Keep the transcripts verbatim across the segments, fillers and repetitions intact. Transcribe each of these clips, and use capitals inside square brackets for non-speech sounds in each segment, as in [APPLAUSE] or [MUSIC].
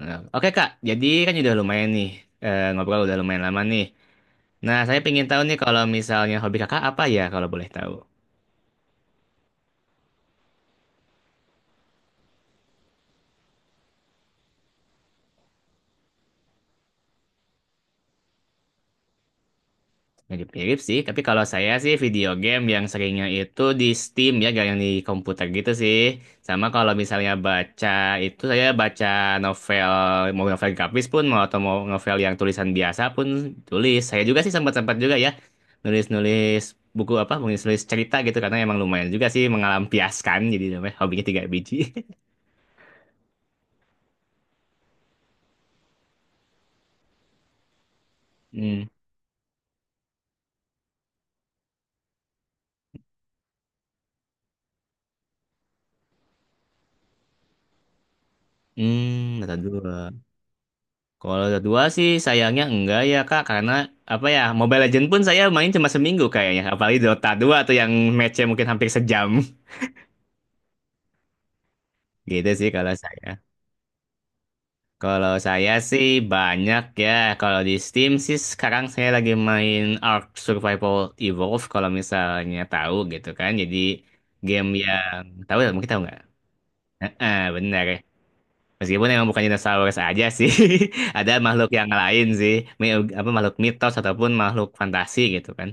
Nah, oke Kak, jadi kan udah lumayan nih, eh, ngobrol udah lumayan lama nih. Nah, saya pengen tahu nih, kalau misalnya hobi Kakak apa ya, kalau boleh tahu. Mirip-mirip sih, tapi kalau saya sih video game yang seringnya itu di Steam ya, gak yang di komputer gitu sih. Sama kalau misalnya baca itu, saya baca novel, mau novel grafis pun mau atau mau novel yang tulisan biasa pun tulis. Saya juga sih sempat-sempat juga ya nulis-nulis buku apa, nulis-nulis cerita gitu karena emang lumayan juga sih mengalampiaskan, jadi namanya hobinya tiga biji. Hmm, hmm, Dota two. Kalau Dota two sih sayangnya enggak ya Kak, karena apa ya, Mobile Legends pun saya main cuma seminggu kayaknya. Apalagi Dota two tuh yang matchnya mungkin hampir sejam. [LAUGHS] Gitu sih kalau saya. Kalau saya sih banyak ya. Kalau di Steam sih sekarang saya lagi main Ark Survival Evolved, kalau misalnya tahu gitu kan. Jadi game yang tahu ya, mungkin tahu nggak? Heeh, benar. Meskipun emang bukan dinosaurus aja sih, [LAUGHS] ada makhluk yang lain sih, Mi- apa makhluk mitos ataupun makhluk fantasi gitu kan.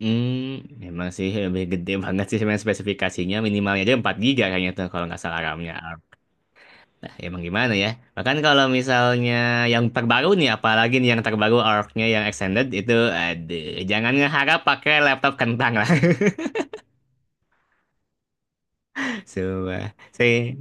Hmm, memang sih lebih gede [LAUGHS] banget sih, sebenarnya spesifikasinya minimalnya aja empat giga kayaknya tuh kalau nggak salah RAM-nya. Nah, emang gimana ya? Bahkan kalau misalnya yang terbaru nih, apalagi nih yang terbaru ark-nya yang extended itu, aduh, jangan ngeharap pakai laptop kentang lah. [LAUGHS] Coba sih.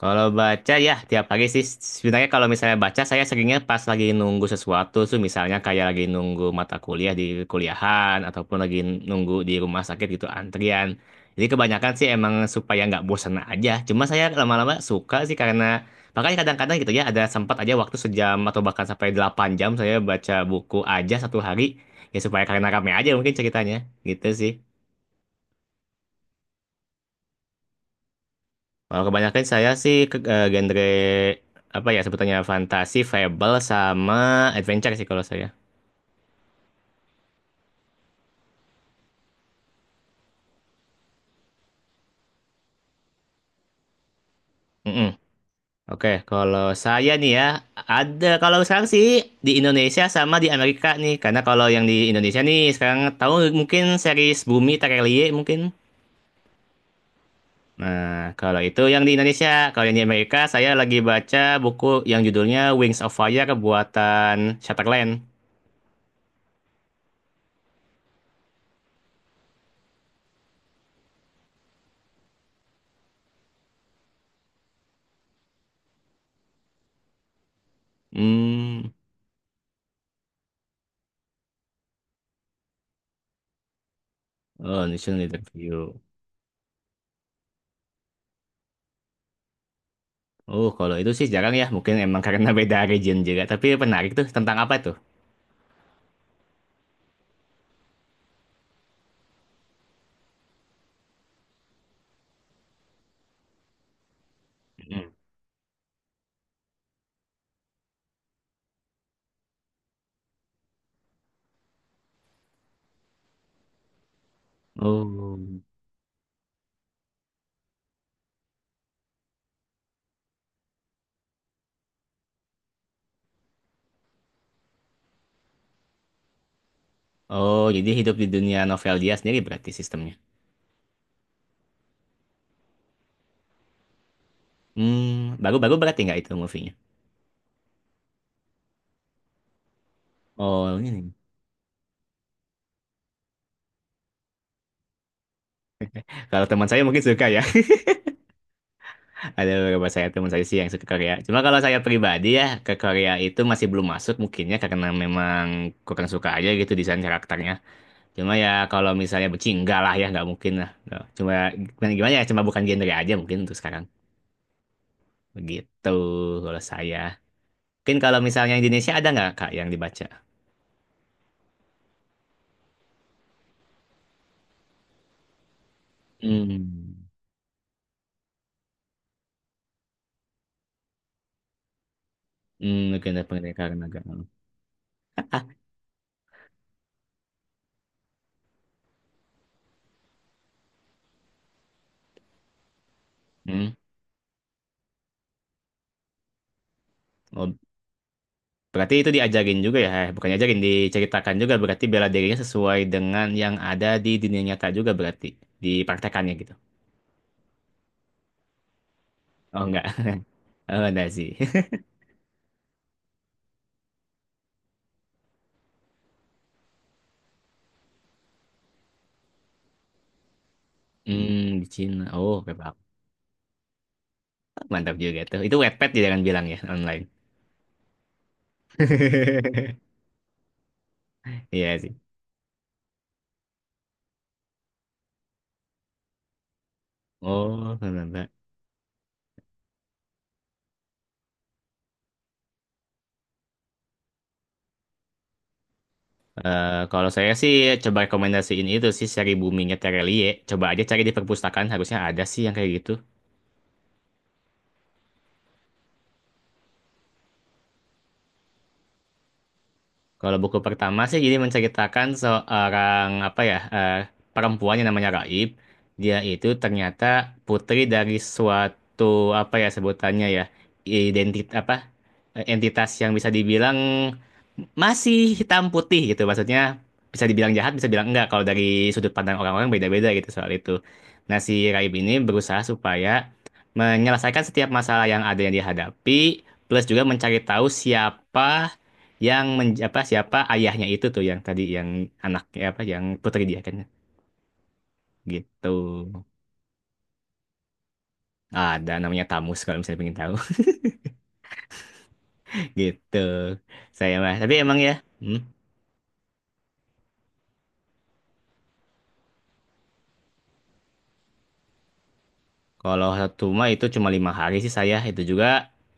Kalau baca ya tiap pagi sih, sebenarnya kalau misalnya baca, saya seringnya pas lagi nunggu sesuatu tuh, misalnya kayak lagi nunggu mata kuliah di kuliahan ataupun lagi nunggu di rumah sakit gitu antrian. Jadi kebanyakan sih emang supaya nggak bosan aja. Cuma saya lama-lama suka sih, karena makanya kadang-kadang gitu ya ada sempat aja waktu sejam atau bahkan sampai delapan jam saya baca buku aja satu hari, ya supaya karena rame aja mungkin ceritanya, gitu sih. Kalau kebanyakan saya sih ke eh, genre apa ya sebutannya, fantasi, fable sama adventure sih kalau saya. Mm-mm. Oke, kalau saya nih ya ada, kalau sekarang sih di Indonesia sama di Amerika nih. Karena kalau yang di Indonesia nih sekarang, tahu mungkin series Bumi Terelie mungkin. Nah, kalau itu yang di Indonesia, kalau yang di Amerika saya lagi baca buku yang judulnya Wings of Fire buatan Shatterland. Hmm, oh, National Interview. Oh, kalau itu sih jarang ya, mungkin emang karena [LAUGHS] beda region juga. Tapi menarik tuh, tentang apa tuh? Mm. Oh. Oh, jadi hidup di dunia novel dia sendiri berarti sistemnya. Hmm, baru-baru berarti nggak itu movie-nya? Oh, ini. Kalau teman saya mungkin suka ya. [LAUGHS] Ada beberapa saya teman saya sih yang suka Korea. Cuma kalau saya pribadi ya, ke Korea itu masih belum masuk mungkinnya, karena memang kurang suka aja gitu desain karakternya. Cuma ya kalau misalnya benci, enggak lah ya, nggak mungkin lah. Nggak. Cuma gimana, gimana ya, cuma bukan genre aja mungkin untuk sekarang. Begitu kalau saya. Mungkin kalau misalnya Indonesia ada nggak Kak yang dibaca? Hmm, hmm mungkin ada pendekar naga. Hmm. Oh, berarti itu diajarin juga ya? Eh, bukan diajarin, diceritakan juga. Berarti bela dirinya sesuai dengan yang ada di dunia nyata juga berarti. Dipraktekannya gitu. Oh enggak. [LAUGHS] Oh enggak sih. [LAUGHS] Hmm, di Cina. Oh, oke, Pak. Mantap juga tuh. Itu Wattpad dia kan bilang ya, online. [LAUGHS] Iya sih. Oh, Eh, kalau saya sih coba rekomendasiin itu sih, seri boomingnya Terelie. Coba aja cari di perpustakaan, harusnya ada sih yang kayak gitu. Kalau buku pertama sih jadi menceritakan seorang apa ya eh, perempuan yang namanya Raib. Dia itu ternyata putri dari suatu apa ya sebutannya ya, identit apa, eh, entitas yang bisa dibilang masih hitam putih gitu. Maksudnya bisa dibilang jahat, bisa bilang enggak. Kalau dari sudut pandang orang-orang beda-beda gitu soal itu. Nah si Raib ini berusaha supaya menyelesaikan setiap masalah yang ada yang dihadapi, plus juga mencari tahu siapa yang men, apa siapa ayahnya itu tuh, yang tadi yang anaknya apa yang putri dia kan gitu. Ada namanya Tamus, kalau misalnya pengen tahu. [LAUGHS] Gitu saya mah, tapi emang ya hmm, kalau satu mah itu cuma lima hari sih saya itu, juga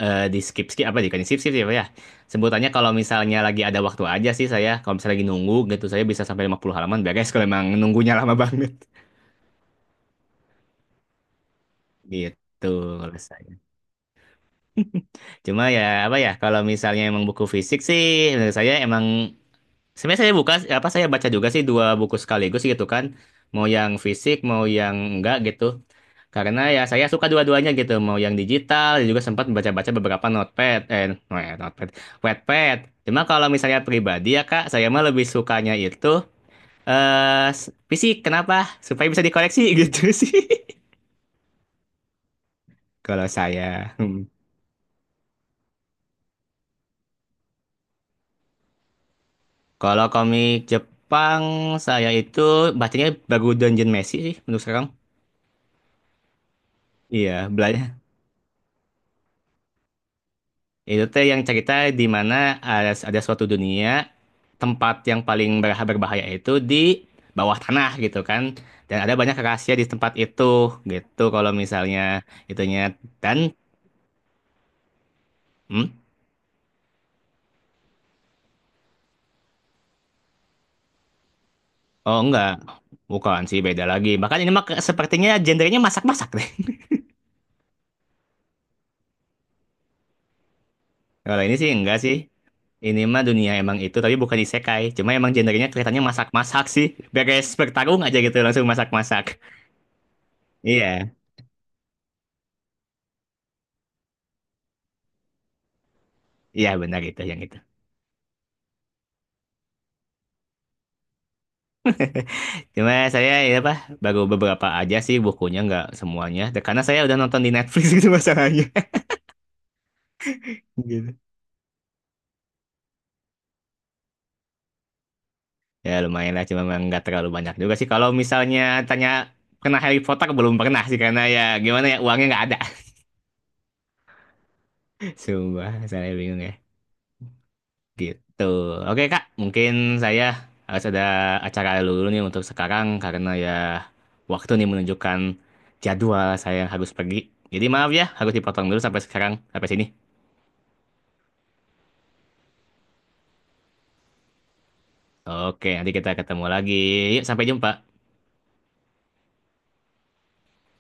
eh, di skip skip apa, bukan di skip skip ya Pak, ya sebutannya, kalau misalnya lagi ada waktu aja sih saya, kalau misalnya lagi nunggu gitu saya bisa sampai lima puluh halaman beres kalau emang nunggunya lama [LAUGHS] banget. Gitu kalau saya. Cuma ya apa ya kalau misalnya emang buku fisik sih, menurut saya emang, sebenarnya saya buka apa saya baca juga sih dua buku sekaligus gitu kan. Mau yang fisik, mau yang enggak gitu. Karena ya saya suka dua-duanya gitu, mau yang digital, dan juga sempat baca-baca beberapa notepad eh no, eh, notepad, Wattpad. Cuma kalau misalnya pribadi ya Kak, saya mah lebih sukanya itu eh s- fisik. Kenapa? Supaya bisa dikoleksi [LAUGHS] gitu sih. Kalau saya, hmm. Kalau komik Jepang saya itu bacanya baru Dungeon Messi sih menurut sekarang. Iya, bela- itu teh yang cerita di mana ada, ada suatu dunia, tempat yang paling berha- berbahaya itu di bawah tanah gitu kan. Dan ada banyak rahasia di tempat itu gitu, kalau misalnya itunya, dan hmm? Oh enggak, bukan sih, beda lagi. Bahkan ini mah ke- sepertinya gendernya masak-masak deh. Kalau ini sih enggak sih. Ini mah dunia emang itu tapi bukan isekai. Cuma emang gendernya kelihatannya masak-masak sih. Beres bertarung aja gitu langsung masak-masak. Iya, iya benar itu yang itu. [LAUGHS] Cuma saya ya apa baru beberapa aja sih bukunya, nggak semuanya. Dan karena saya udah nonton di Netflix [LAUGHS] gitu masalahnya. Gitu. Ya lumayan lah, cuma memang nggak terlalu banyak juga sih. Kalau misalnya tanya pernah Harry Potter, belum pernah sih, karena ya gimana ya, uangnya nggak ada. [LAUGHS] Sumpah, saya bingung ya. Gitu. Oke Kak, mungkin saya harus ada acara dulu nih untuk sekarang, karena ya waktu nih menunjukkan jadwal saya yang harus pergi. Jadi maaf ya, harus dipotong dulu sampai sekarang, sampai sini. Oke, nanti kita ketemu lagi. Yuk, sampai jumpa.